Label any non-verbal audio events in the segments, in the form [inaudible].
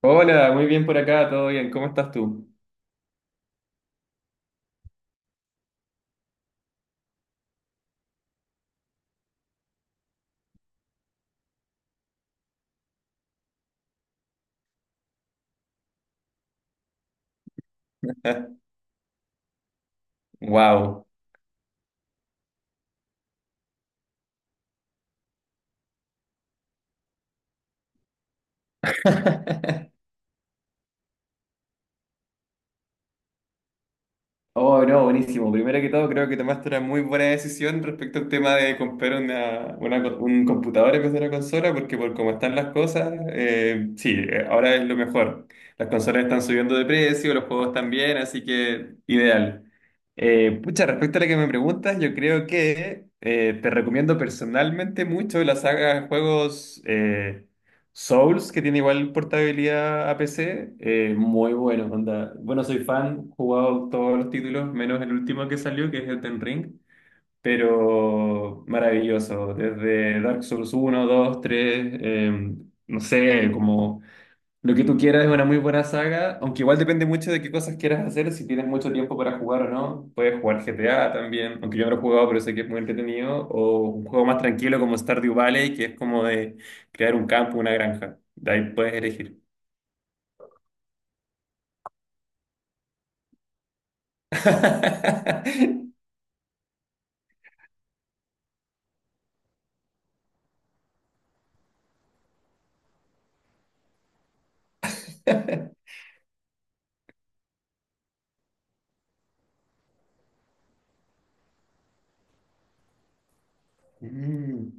Hola, muy bien por acá, todo bien. ¿Cómo estás tú? [laughs] Wow. [laughs] Oh, no, buenísimo. Primero que todo, creo que tomaste una muy buena decisión respecto al tema de comprar un computador en vez de una consola, porque por cómo están las cosas, sí, ahora es lo mejor. Las consolas están subiendo de precio, los juegos también, así que ideal. Pucha, respecto a lo que me preguntas, yo creo que te recomiendo personalmente mucho la saga de juegos. Souls, que tiene igual portabilidad a PC, muy bueno, onda. Bueno, soy fan, he jugado todos los títulos, menos el último que salió, que es Elden Ring, pero maravilloso. Desde Dark Souls uno, dos, tres, no sé, como lo que tú quieras es una muy buena saga, aunque igual depende mucho de qué cosas quieras hacer, si tienes mucho tiempo para jugar o no. Puedes jugar GTA también, aunque yo no lo he jugado, pero sé que es muy entretenido. O un juego más tranquilo como Stardew Valley, que es como de crear un campo, una granja. De ahí puedes elegir. [laughs] Mm,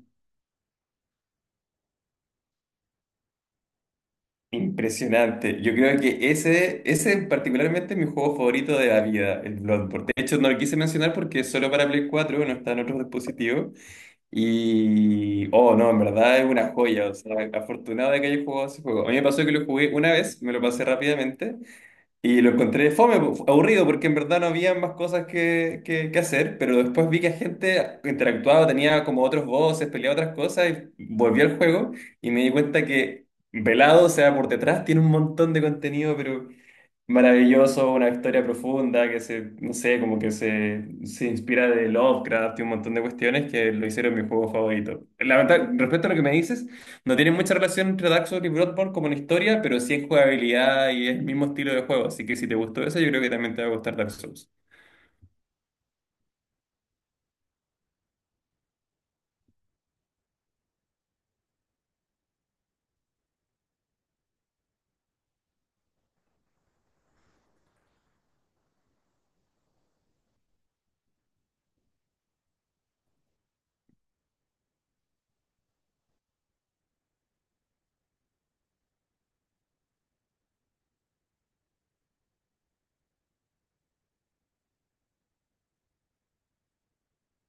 impresionante. Yo creo que ese particularmente es mi juego favorito de la vida, el Bloodborne. De hecho, no lo quise mencionar porque es solo para Play cuatro, no está en otros dispositivos. Y, oh, no, en verdad es una joya, o sea, afortunado de que haya jugado ese juego. A mí me pasó que lo jugué una vez, me lo pasé rápidamente y lo encontré fome, po- aburrido, porque en verdad no había más cosas que, que hacer, pero después vi que gente interactuaba, tenía como otros voces, peleaba otras cosas y volví al juego y me di cuenta que velado, o sea, por detrás tiene un montón de contenido, pero maravilloso, una historia profunda que se, no sé, como que se inspira de Lovecraft y un montón de cuestiones que lo hicieron mi juego favorito. La verdad, respecto a lo que me dices, no tiene mucha relación entre Dark Souls y Bloodborne como en historia, pero sí en jugabilidad y es el mismo estilo de juego, así que si te gustó eso, yo creo que también te va a gustar Dark Souls.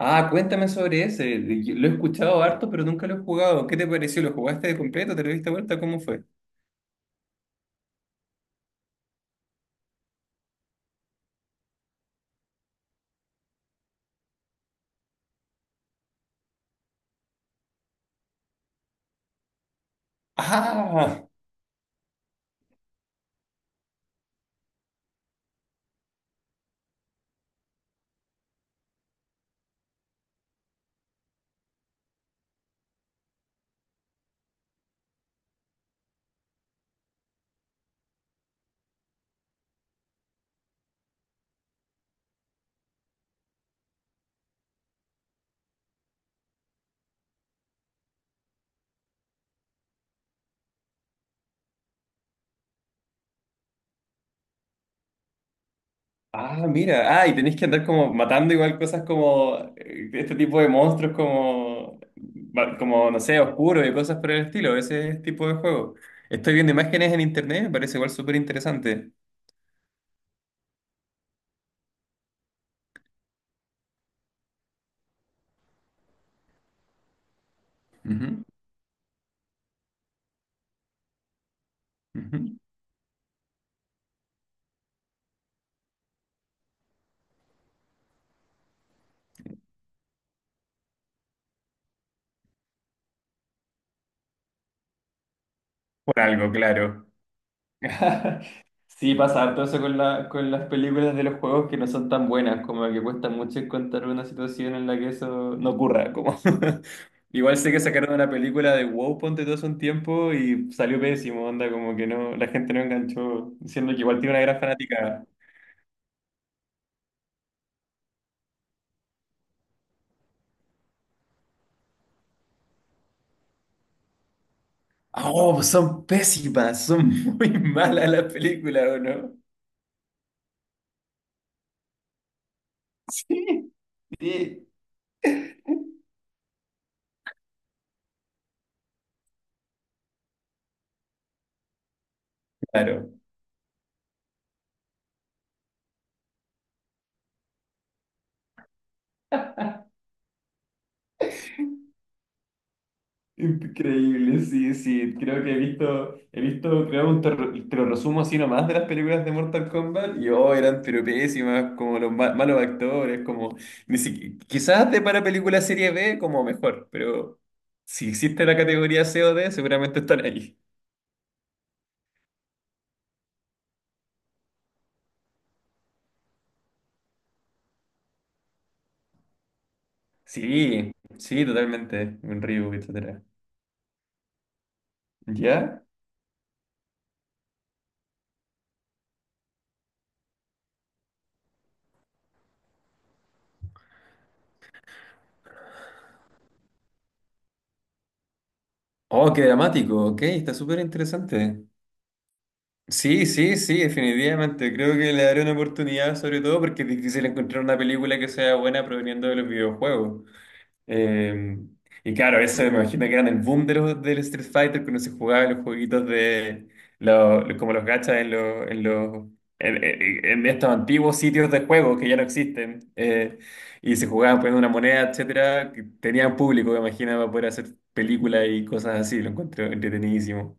Ah, cuéntame sobre ese. Yo lo he escuchado harto, pero nunca lo he jugado. ¿Qué te pareció? ¿Lo jugaste de completo? ¿Te lo diste vuelta? ¿Cómo fue? ¡Ah! Ah, mira. Ah, y tenéis que andar como matando igual cosas como este tipo de monstruos como, va- como no sé, oscuros y cosas por el estilo, ese tipo de juego. Estoy viendo imágenes en internet, me parece igual súper interesante. Ujú, ujú. Por algo, claro. [laughs] Sí, pasa harto eso con la, con las películas de los juegos que no son tan buenas, como que cuesta mucho encontrar una situación en la que eso no ocurra, como [laughs] igual sé que sacaron una película de WoW, ponte todo hace un tiempo y salió pésimo, onda, como que no, la gente no enganchó, diciendo que igual tiene una gran fanática. Ah, oh, son pésimas, son muy [laughs] malas las películas, ¿o no? Sí. Sí, claro. Increíble, sí, sí. Creo que he visto, creo, un ter- te lo resumo así nomás de las películas de Mortal Kombat y oh, eran pero pésimas, como los ma- malos actores, como ni si- quizás de para película serie B como mejor, pero si existe la categoría C o D, seguramente están ahí. Sí, sí, totalmente. Un Ryu, etcétera. ¿Ya? Oh, qué dramático, ok, está súper interesante. Sí, sí, sí, definitivamente. Creo que le daré una oportunidad, sobre todo porque es difícil encontrar una película que sea buena proveniendo de los videojuegos. Eh, y claro, eso me imagino que eran el boom de los, del Street Fighter, cuando se jugaban los jueguitos de los, como los gachas en en estos antiguos sitios de juego que ya no existen. Y se jugaban poniendo una moneda, etcétera, que tenían público, me imagino, para poder hacer películas y cosas así. Lo encuentro entretenidísimo.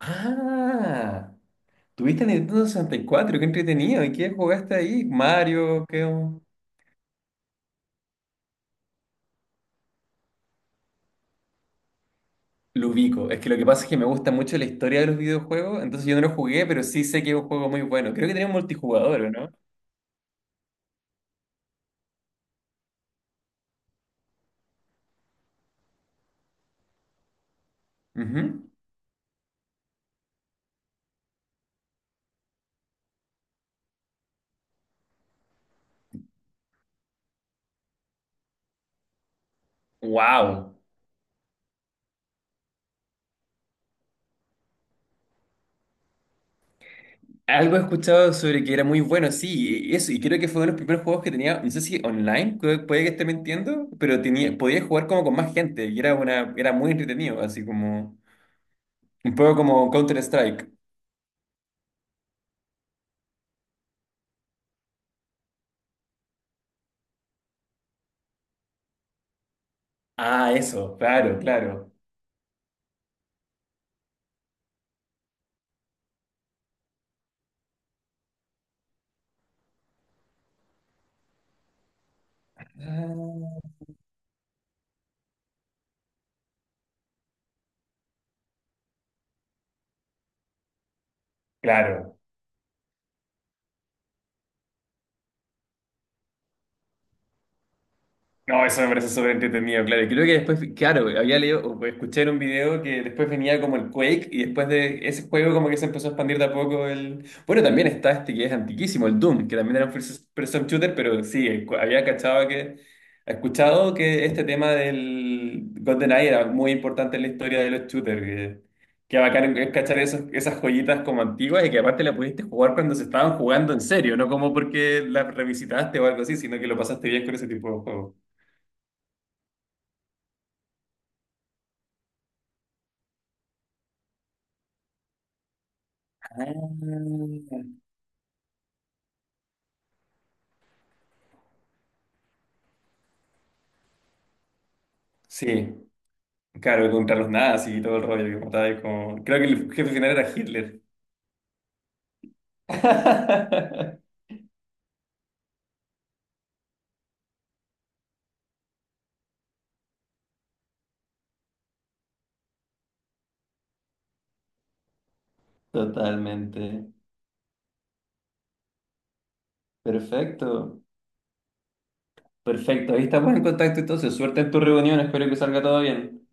Ah, tuviste Nintendo sesenta y cuatro, qué entretenido. ¿Y qué jugaste ahí? Mario, qué... Lo ubico. Es que lo que pasa es que me gusta mucho la historia de los videojuegos, entonces yo no lo jugué, pero sí sé que es un juego muy bueno. Creo que tenía un multijugador, ¿o no? Wow. Algo he escuchado sobre que era muy bueno, sí, y eso, y creo que fue uno de los primeros juegos que tenía, no sé si online, creo- puede que esté mintiendo, pero tenía, podía jugar como con más gente, y era una, era muy entretenido, así como, un poco como Counter-Strike. Ah, eso, claro, claro. Ah, claro. No, eso me parece súper entretenido, claro. Y creo que después, claro, había leído, o escuché en un video que después venía como el Quake y después de ese juego como que se empezó a expandir de a poco el... Bueno, también está este que es antiquísimo, el Doom, que también era un first person shooter, pero sí, el cu- había cachado que... Escuchado que este tema del GoldenEye era muy importante en la historia de los shooters, que bacán es cachar esos, esas joyitas como antiguas y que aparte la pudiste jugar cuando se estaban jugando en serio, no como porque la revisitaste o algo así, sino que lo pasaste bien con ese tipo de juegos. Ah, sí, claro, contra los nazis y todo el rollo que mataba ahí con... Creo que el jefe final era Hitler. [laughs] Totalmente. Perfecto. Perfecto. Ahí estamos en contacto entonces. Suerte en tu reunión. Espero que salga todo bien.